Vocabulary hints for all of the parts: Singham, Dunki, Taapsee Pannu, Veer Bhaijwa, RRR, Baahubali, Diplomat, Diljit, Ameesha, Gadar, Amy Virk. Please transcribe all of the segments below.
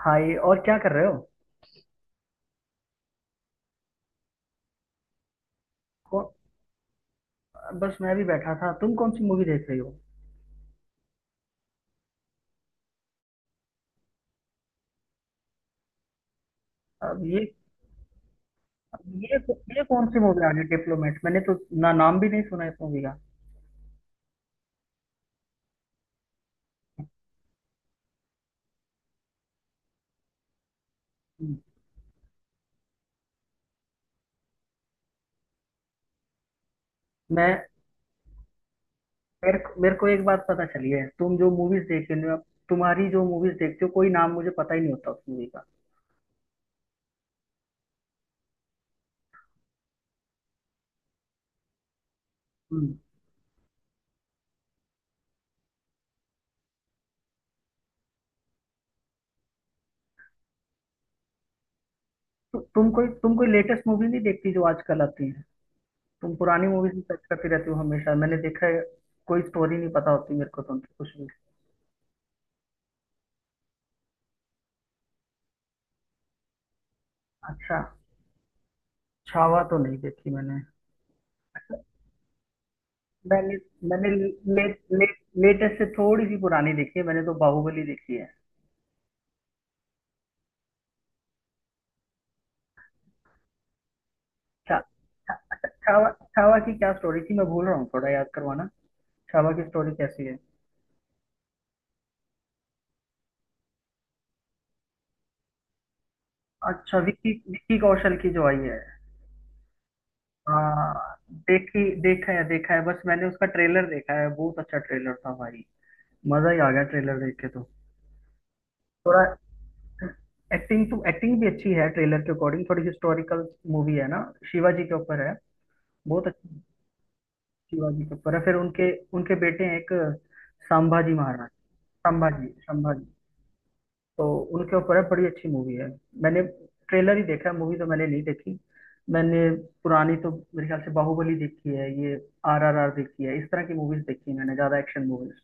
हाँ, ये और क्या कर रहे हो। कौ- बस मैं भी बैठा था। तुम कौन सी मूवी देख रही हो। अब ये अब ये कौन सी मूवी आ गई डिप्लोमेट, मैंने तो ना नाम भी नहीं सुना इस मूवी का। हम्म। मैं मेरे को एक बात पता चली है, तुम जो मूवीज देख रहे हो, तुम्हारी जो मूवीज देखते हो कोई नाम मुझे पता ही नहीं होता उस मूवी का। हम्म। तु, तुम कोई लेटेस्ट मूवी नहीं देखती जो आजकल आती है। तुम पुरानी मूवीज में सर्च करती रहती हो हमेशा, मैंने देखा है। कोई स्टोरी नहीं पता होती मेरे को तुमकी कुछ भी। अच्छा, छावा तो नहीं देखी मैंने। मैंने मैंने ले, ले, लेटेस्ट से थोड़ी सी पुरानी देखी है, मैंने तो बाहुबली देखी है। छा, छावा। छावा की क्या स्टोरी थी, मैं भूल रहा हूँ, थोड़ा याद करवाना। छावा की स्टोरी कैसी है। अच्छा, विक्की विक्की कौशल की जो आई है। हाँ। देखी देखा है देखा है, बस मैंने उसका ट्रेलर देखा है, बहुत अच्छा ट्रेलर था भाई। मजा ही आ गया ट्रेलर देख के तो। थोड़ा एक्टिंग तो एक्टिंग भी अच्छी है ट्रेलर के अकॉर्डिंग, थोड़ी हिस्टोरिकल मूवी है ना, शिवाजी के ऊपर है। बहुत अच्छी। शिवाजी कपूर है, फिर उनके उनके बेटे हैं एक, संभाजी महाराज। संभाजी संभाजी। तो उनके ऊपर है, बड़ी अच्छी मूवी है। मैंने ट्रेलर ही देखा है, मूवी तो मैंने नहीं देखी। मैंने पुरानी तो मेरे ख्याल से बाहुबली देखी है, ये आर आर आर देखी है, इस तरह की मूवीज देखी है मैंने, ज्यादा एक्शन मूवीज।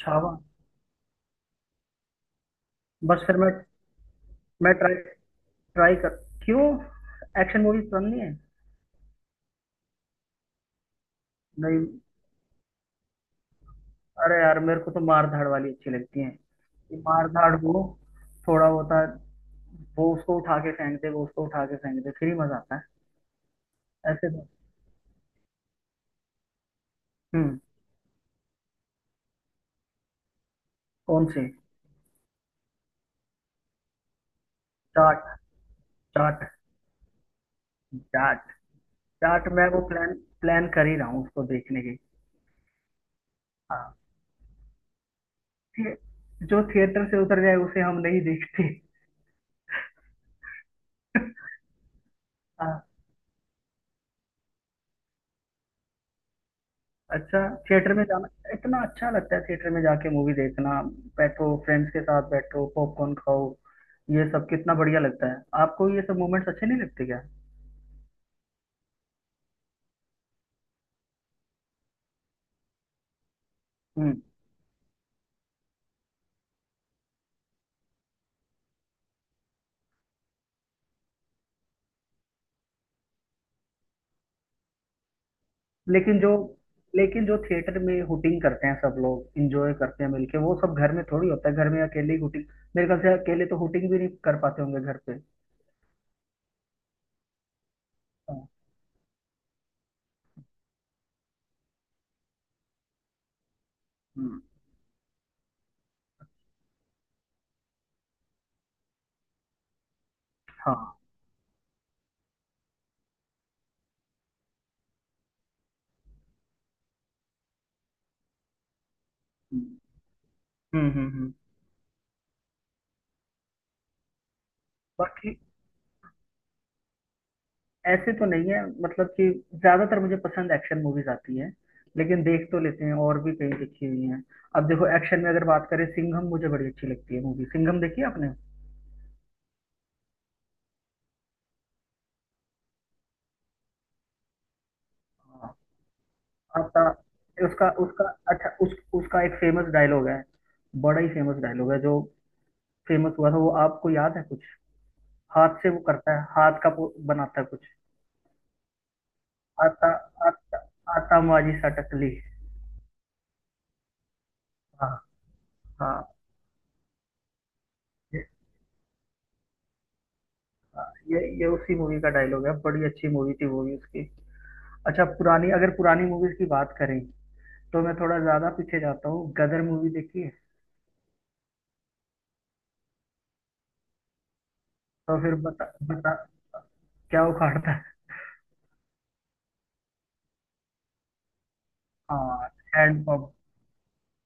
छावा। बस फिर मैं ट्राई ट्राई कर क्यों, एक्शन मूवीज पसंद नहीं है। नहीं, अरे यार मेरे को तो मार धाड़ वाली अच्छी लगती है, कि मार धाड़ को थोड़ा होता है, वो उसको उठा के फेंक दे, वो उसको उठा के फेंक दे, फिर ही मजा आता है ऐसे तो। हम्म। कौन से। चाट। चाट। चाट। चाट, मैं वो प्लान प्लान कर ही रहा हूँ उसको देखने की। हाँ, थे- जो थिएटर से उतर जाए उसे हम नहीं देखते। हाँ। अच्छा, थिएटर में जाना इतना अच्छा लगता है, थिएटर में जाके मूवी देखना। बैठो फ्रेंड्स के साथ, बैठो पॉपकॉर्न खाओ, ये सब कितना बढ़िया लगता है। आपको ये सब मोमेंट्स अच्छे नहीं लगते क्या। हम्म। लेकिन जो लेकिन जो थिएटर में हुटिंग करते हैं सब लोग, इंजॉय करते हैं मिलके, वो सब घर में थोड़ी होता है, घर में अकेले ही हुटिंग। मेरे ख्याल से अकेले तो हुटिंग भी नहीं कर पाते होंगे घर पे। हाँ। हम्म। हाँ। हम्म हम्म हम्म, हम्म। बाकी ऐसे तो नहीं है मतलब कि, ज्यादातर मुझे पसंद एक्शन मूवीज आती है, लेकिन देख तो लेते हैं और भी कई देखी हुई हैं। अब देखो एक्शन में अगर बात करें, सिंघम मुझे बड़ी अच्छी लगती है मूवी। सिंघम देखी है आपने। हाँ। आपका उसका उसका अच्छा उस उसका एक फेमस डायलॉग है, बड़ा ही फेमस डायलॉग है जो फेमस हुआ था, वो आपको याद है कुछ। हाथ से वो करता है, हाथ का वो बनाता है कुछ। आता आता आता माजी सटकली। हाँ। हाँ, ये ये उसी मूवी का डायलॉग है, बड़ी अच्छी मूवी थी वो भी उसकी। अच्छा, पुरानी, अगर पुरानी मूवीज की बात करें, तो मैं थोड़ा ज्यादा पीछे जाता हूँ। गदर मूवी देखी है। तो फिर बता बता क्या उखाड़ता है। हाँ, हैंड पंप।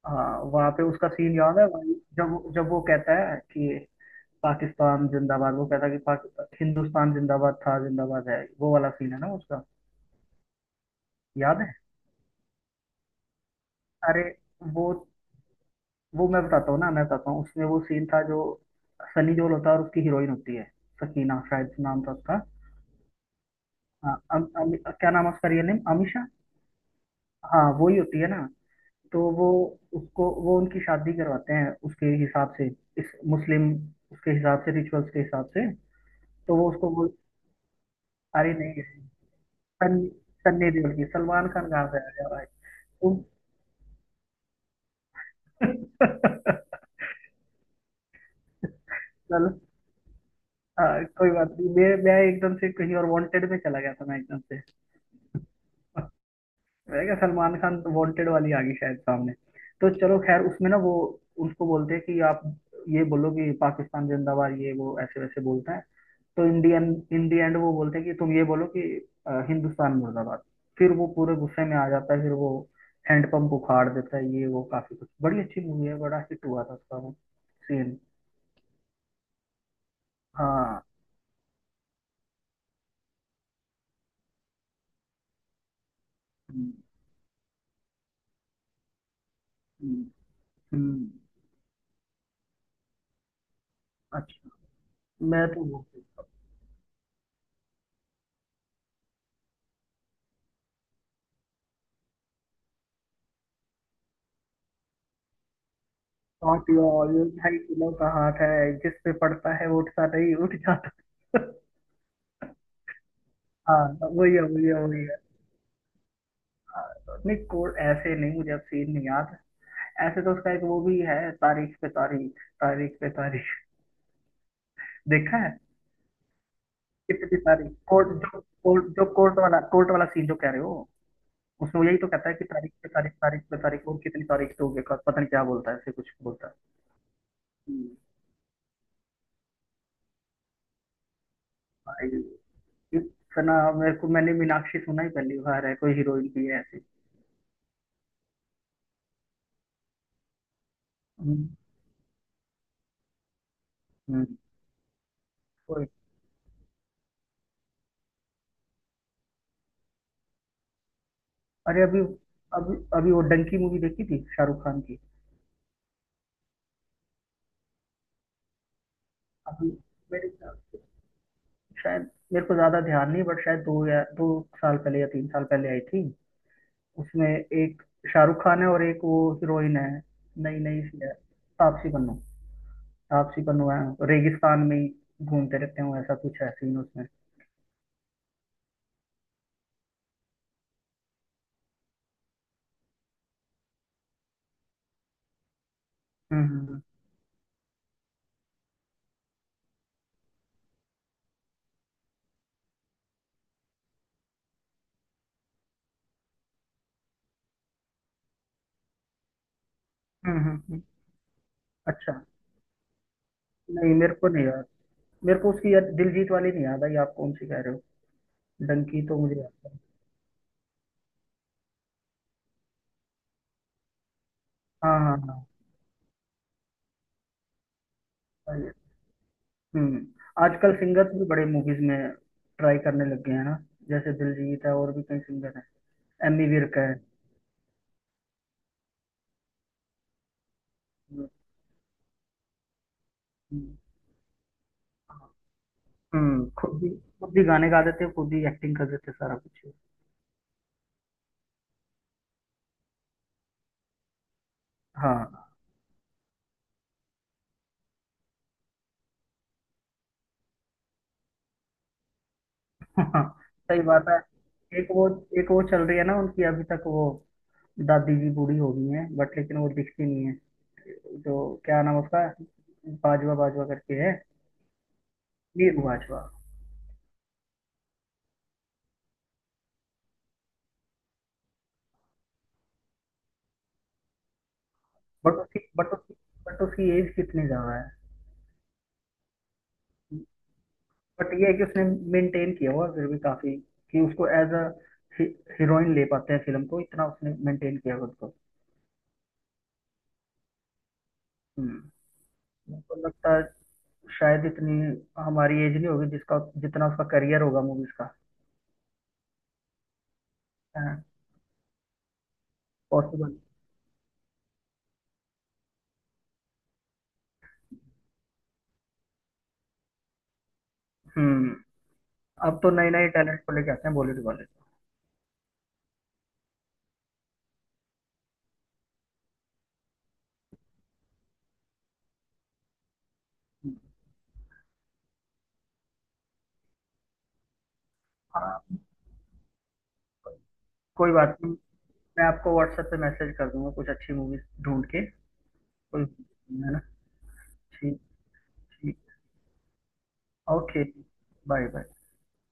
हाँ, वहाँ पे उसका सीन याद है भाई, जब जब वो कहता है कि पाकिस्तान जिंदाबाद, वो कहता है कि हिंदुस्तान जिंदाबाद था, जिंदाबाद है, वो वाला सीन है ना उसका। याद है। अरे, वो वो मैं बताता हूँ ना, मैं बताता हूँ, उसमें वो सीन था जो सनी देओल होता है और उसकी हीरोइन होती है, सकीना शायद नाम था उसका। हाँ, अम, अम, क्या नाम है उसका रियल नेम, अमीशा। हाँ, वही होती है ना। तो वो उसको वो उनकी शादी करवाते हैं उसके हिसाब से, इस मुस्लिम, उसके हिसाब से रिचुअल्स के हिसाब से। तो वो उसको वो, अरे नहीं, सन्नी सन्नी देओल की। सलमान खान कहाँ से आ गया भाई। तुम चलो, हाँ कोई बात नहीं, मैं एकदम से कहीं और वांटेड में चला गया था, मैं एकदम से। मैंने कहा सलमान खान वांटेड वाली आ गई शायद सामने। तो चलो खैर, उसमें ना वो उसको बोलते हैं कि, आप ये बोलो कि पाकिस्तान जिंदाबाद, ये वो ऐसे वैसे बोलते हैं। तो इंडियन, इन दी एंड वो बोलते हैं कि, तुम ये बोलो कि हिंदुस्तान मुर्दाबाद। फिर वो पूरे गुस्से में आ जाता है, फिर वो हैंडपंप उखाड़ देता है। ये वो काफी कुछ, बड़ी अच्छी मूवी है, बड़ा हिट हुआ था उसका वो सीन। हाँ। हम्म, हम्म, हम्म, अच्छा। मैं तो वो नॉट योर, भाई किलो कहाँ का हाथ है, जिस पे पड़ता है वो उठता नहीं, उठ जाता है। हाँ, तो वही है, वही है। हाँ, तो नहीं कोड, ऐसे नहीं, मुझे अब सीन नहीं याद। ऐसे तो उसका एक वो भी है, तारीख पे तारीख, तारीख पे तारीख। देखा है। कितनी तारीख, कोर्ट वाला सीन जो कह रहे हो, उसमें वो यही तो कहता है कि तारीख पे तारीख, तारीख पे तारीख, और कितनी तारीख तो होगी, पता नहीं क्या बोलता है, ऐसे कुछ बोलता है। हम्म। भाई इतना, मेरे को मैंने मीनाक्षी सुना ही पहली बार है, कोई हीरोइन की है ऐसी। हम्म। वही। अरे अभी अभी अभी वो डंकी मूवी देखी थी शाहरुख खान की। अभी मेरे ख्याल- शायद मेरे को ज्यादा ध्यान नहीं, बट शायद दो साल पहले या तीन साल पहले आई थी। उसमें एक शाहरुख खान है और एक वो हीरोइन है, नई नई सी है, तापसी पन्नू है, रेगिस्तान में ही घूमते रहते हैं, ऐसा कुछ है सीन उसमें। हम्म हम्म हम्म। अच्छा नहीं, मेरे को नहीं याद, मेरे को उसकी याद दिलजीत वाली नहीं याद आई, आप कौन सी कह रहे हो। डंकी तो मुझे याद है। हाँ, हाँ, हाँ। हम्म। आजकल सिंगर्स भी बड़े मूवीज में ट्राई करने लग गए हैं ना, जैसे दिलजीत है और भी कई सिंगर हैं, एमी विर्क है। हम्म। हम्म, खुद भी खुद भी गाने गा देते हैं, खुद ही एक्टिंग कर देते हैं सारा कुछ। हाँ। हाँ, सही बात है। एक वो एक वो चल रही है ना उनकी अभी तक, वो दादी जी बूढ़ी हो गई हैं बट, लेकिन वो दिखती नहीं है जो, क्या नाम उसका, बाजवा बाजवा करके है, वीर बाजवा। बट उसकी बट उसकी बट उसकी एज कितनी ज्यादा है। बट ये है कि उसने मेंटेन किया हुआ फिर भी काफी, कि उसको एज अ हीरोइन ले पाते हैं फिल्म को, इतना उसने मेंटेन किया खुद को। हम्म। मेरे को लगता है शायद इतनी हमारी एज नहीं होगी जिसका, जितना उसका करियर होगा मूवीज का। पॉसिबल। हम्म। अब तो नए नए टैलेंट को लेके आते हैं बॉलीवुड वाले। हाँ, कोई बात नहीं, मैं आपको व्हाट्सएप पे मैसेज कर दूंगा कुछ अच्छी मूवीज ढूंढ के। कोई, है ना। ठीक। ठीक। ओके। Bye, bye.